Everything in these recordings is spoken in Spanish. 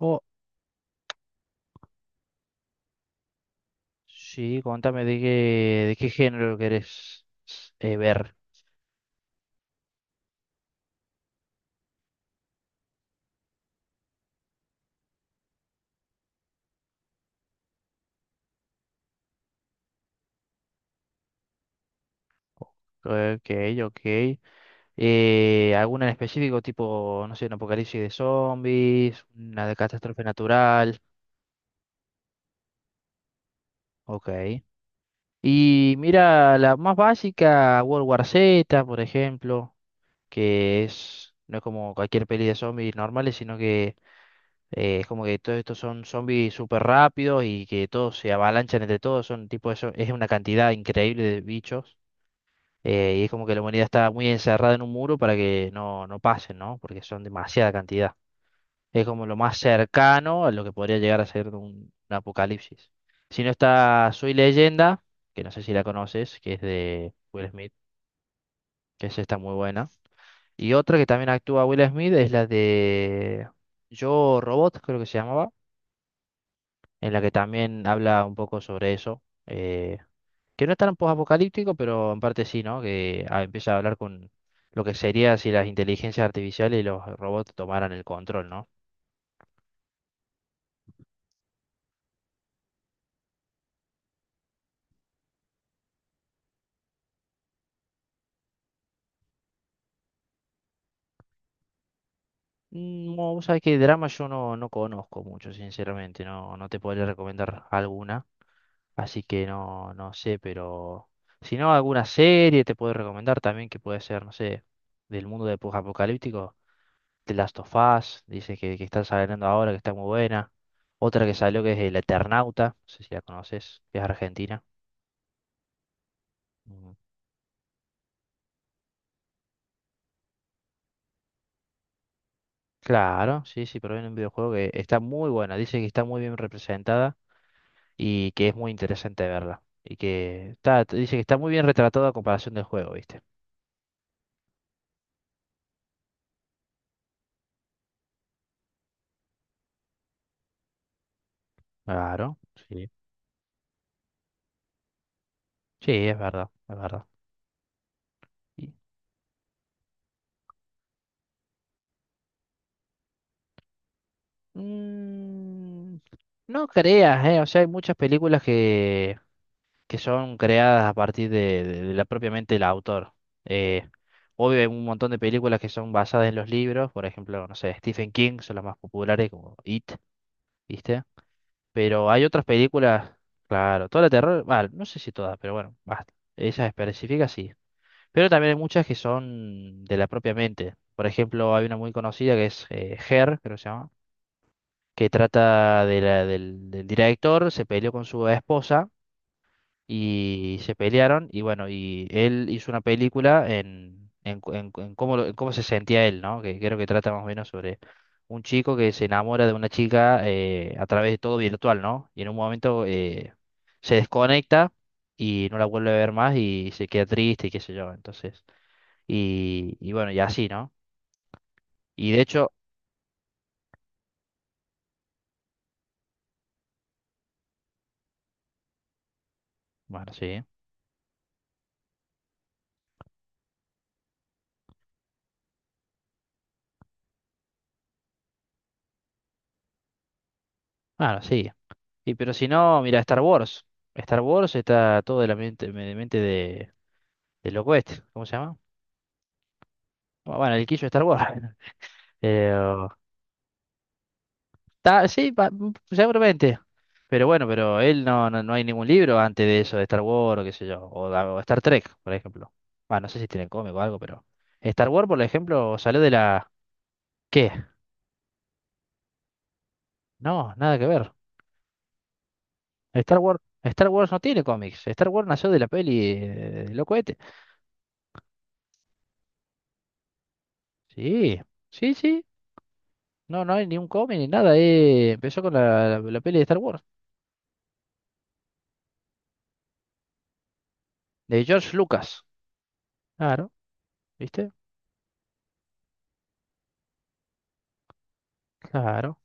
Oh, sí, contame de qué género querés ver. Ok, ok. ¿Alguna en específico, tipo, no sé, un apocalipsis de zombies, una de catástrofe natural? Ok. Y mira, la más básica, World War Z, por ejemplo, que es, no es como cualquier peli de zombies normales, sino que es como que todos estos son zombies súper rápidos y que todos se avalanchan entre todos, son tipo eso, es una cantidad increíble de bichos. Y es como que la humanidad está muy encerrada en un muro para que no, no pasen, ¿no? Porque son demasiada cantidad. Es como lo más cercano a lo que podría llegar a ser un apocalipsis. Si no está Soy Leyenda, que no sé si la conoces, que es de Will Smith, que es esta muy buena. Y otra que también actúa Will Smith es la de Yo Robot, creo que se llamaba, en la que también habla un poco sobre eso. Que no es tan post-apocalíptico, pero en parte sí, ¿no? Que ah, empieza a hablar con lo que sería si las inteligencias artificiales y los robots tomaran el control, ¿no? No, vos sabés que drama yo no, no conozco mucho, sinceramente, no, no te podría recomendar alguna, así que no, no sé, pero si no, alguna serie te puedo recomendar también que puede ser, no sé, del mundo de post-apocalíptico, The Last of Us, dice que está saliendo ahora, que está muy buena. Otra que salió que es El Eternauta, no sé si la conoces, que es argentina. Mm. Claro, sí, sí, pero en un videojuego que está muy buena. Dice que está muy bien representada y que es muy interesante verla. Y que está, dice que está muy bien retratada a comparación del juego, ¿viste? Claro, sí. Sí, es verdad, es verdad. Y- Mm, no creas, ¿eh? O sea, hay muchas películas que son creadas a partir de la propiamente el autor. Eh, Obvio, hay un montón de películas que son basadas en los libros, por ejemplo, no sé, Stephen King son las más populares, como It, ¿viste? Pero hay otras películas, claro, toda la terror, bueno, no sé si todas, pero bueno, basta. Esas específicas sí. Pero también hay muchas que son de la propia mente. Por ejemplo, hay una muy conocida que es Her, creo que se llama, que trata de la- del, del director, se peleó con su esposa y se pelearon y bueno, y él hizo una película en, cu- en cu- en cómo, lo- en cómo se sentía él, ¿no? Que creo que trata más o menos sobre un chico que se enamora de una chica a través de todo virtual, ¿no? Y en un momento se desconecta y no la vuelve a ver más y se queda triste y qué sé yo, entonces. Y bueno, y así, ¿no? Y de hecho, bueno, sí, bueno, sí. Y pero si no, mira, Star Wars. Star Wars está todo de la mente de, del loco este, ¿cómo se llama? Bueno, el quiso Star Wars. Pero, ta- sí, pa- seguramente. Pero bueno, pero él no, no, no hay ningún libro antes de eso, de Star Wars, o qué sé yo, o, de- o Star Trek, por ejemplo. Bueno, no sé si tienen cómic o algo, pero Star Wars, por ejemplo, salió de la... ¿Qué? No, nada que ver. Star Wars, Star Wars no tiene cómics. Star Wars nació de la peli de los cohetes. Sí, sí, sí. No, no hay ni un cómic ni nada. Empezó con la, la peli de Star Wars, de George Lucas. Claro, ¿viste? Claro.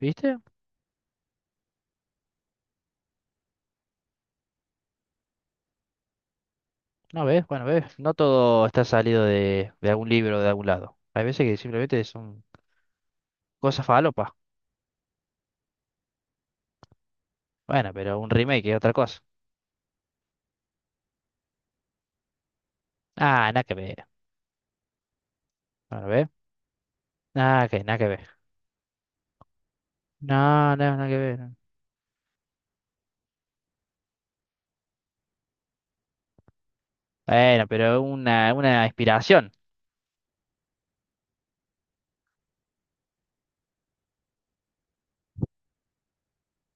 ¿Viste? No ves, bueno, ves, no todo está salido de algún libro o de algún lado. Hay veces que simplemente son cosas falopas. Bueno, pero un remake es otra cosa. Ah, nada que ver. Bueno, ¿ves? Nada que, nada que ver. No, no, nada que ver. Bueno, pero una inspiración.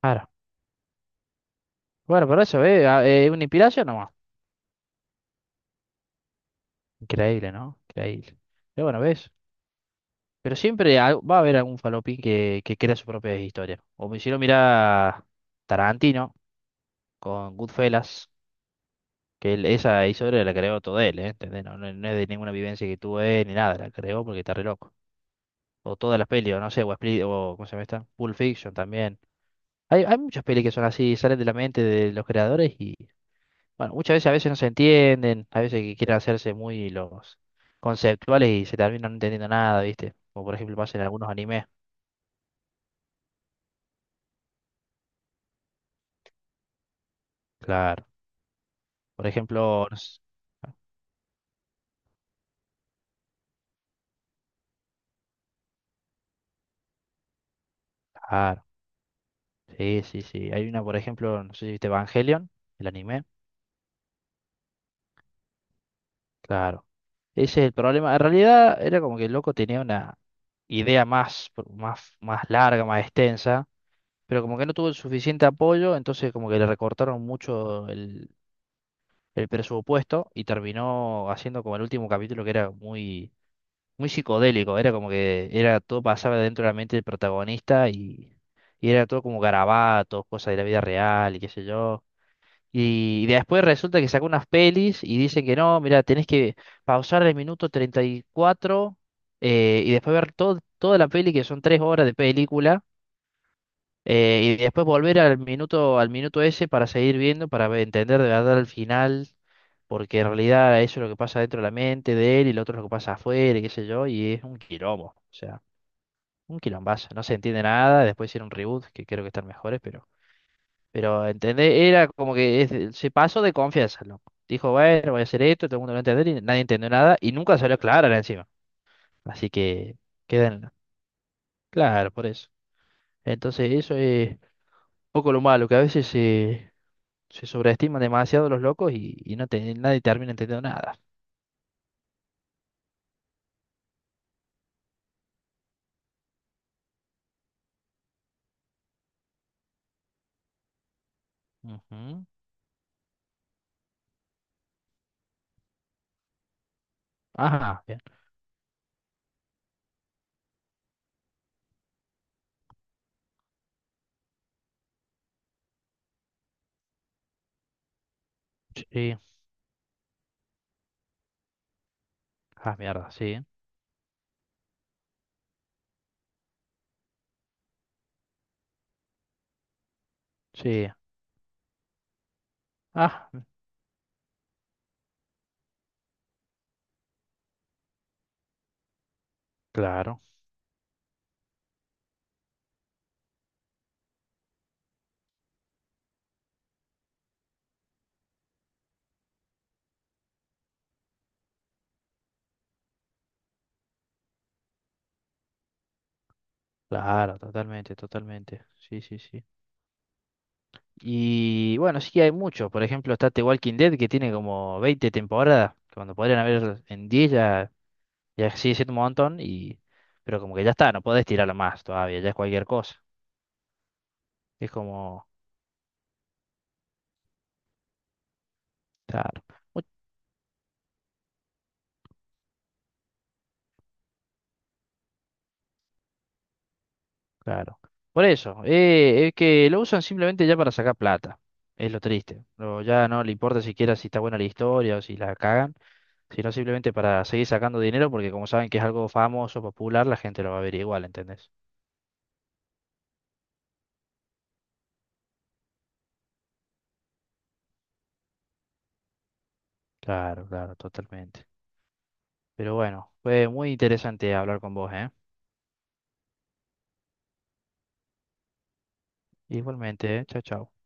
Claro. Bueno, por eso, ¿ves? Ah, una inspiración nomás. Increíble, ¿no? Increíble. Pero bueno, ¿ves? Pero siempre al- va a haber algún falopín que crea su propia historia. O me hicieron mirar Tarantino con Goodfellas. Que él- esa historia la creó todo él, ¿eh? ¿Entendés? No, no- no es de ninguna vivencia que tuvo él ni nada, la creó porque está re loco. O todas las pelis, o no sé, o, Split, o ¿cómo se llama esta? Pulp Fiction también. Hay muchas pelis que son así, salen de la mente de los creadores y, bueno, muchas veces a veces no se entienden, a veces que quieren hacerse muy los conceptuales y se terminan no entendiendo nada, ¿viste? Como por ejemplo pasa en algunos animes. Claro. Por ejemplo, no sé- claro. Sí, sí, sí. Hay una, por ejemplo, no sé si viste Evangelion, el anime. Claro. Ese es el problema. En realidad era como que el loco tenía una idea más, más, más larga, más extensa, pero como que no tuvo el suficiente apoyo, entonces como que le recortaron mucho el presupuesto y terminó haciendo como el último capítulo que era muy, muy psicodélico. Era como que era todo pasaba dentro de la mente del protagonista y era todo como garabatos, cosas de la vida real y qué sé yo. Y después resulta que sacó unas pelis y dice que no, mira, tenés que pausar el minuto 34 y después ver todo, toda la peli, que son tres horas de película, y después volver al minuto ese para seguir viendo, para ve- entender de verdad el final, porque en realidad eso es lo que pasa dentro de la mente de él y lo otro es lo que pasa afuera, y qué sé yo, y es un quilombo, o sea, un quilombazo, no se entiende nada, después hicieron un reboot, que creo que están mejores, pero... Pero, ¿entendés? Era como que es- se pasó de confianza, loco. Dijo, bueno, voy a hacer esto, todo el mundo lo va a entender, y nadie entendió nada, y nunca salió clara encima. Así que, quedan claro, por eso. Entonces, eso es un poco lo malo, que a veces se, se sobreestiman demasiado los locos y no te- nadie termina entendiendo nada. Ujú. Ajá, bien. Sí. Ah, mierda, sí. Sí. Ah, claro, claro, totalmente, totalmente. Sí, sí, sí. Y bueno, sí que hay muchos. Por ejemplo, está The Walking Dead, que tiene como 20 temporadas, cuando podrían haber en 10 ya, ya sigue siendo un montón, y, pero como que ya está, no podés tirarlo más todavía, ya es cualquier cosa. Es como, claro, muy claro. Por eso, es que lo usan simplemente ya para sacar plata. Es lo triste. No, ya no le importa siquiera si está buena la historia o si la cagan, sino simplemente para seguir sacando dinero, porque como saben que es algo famoso, popular, la gente lo va a ver igual, ¿entendés? Claro, claro, totalmente. Pero bueno, fue muy interesante hablar con vos, ¿eh? Igualmente, ¿eh? Chao, chao.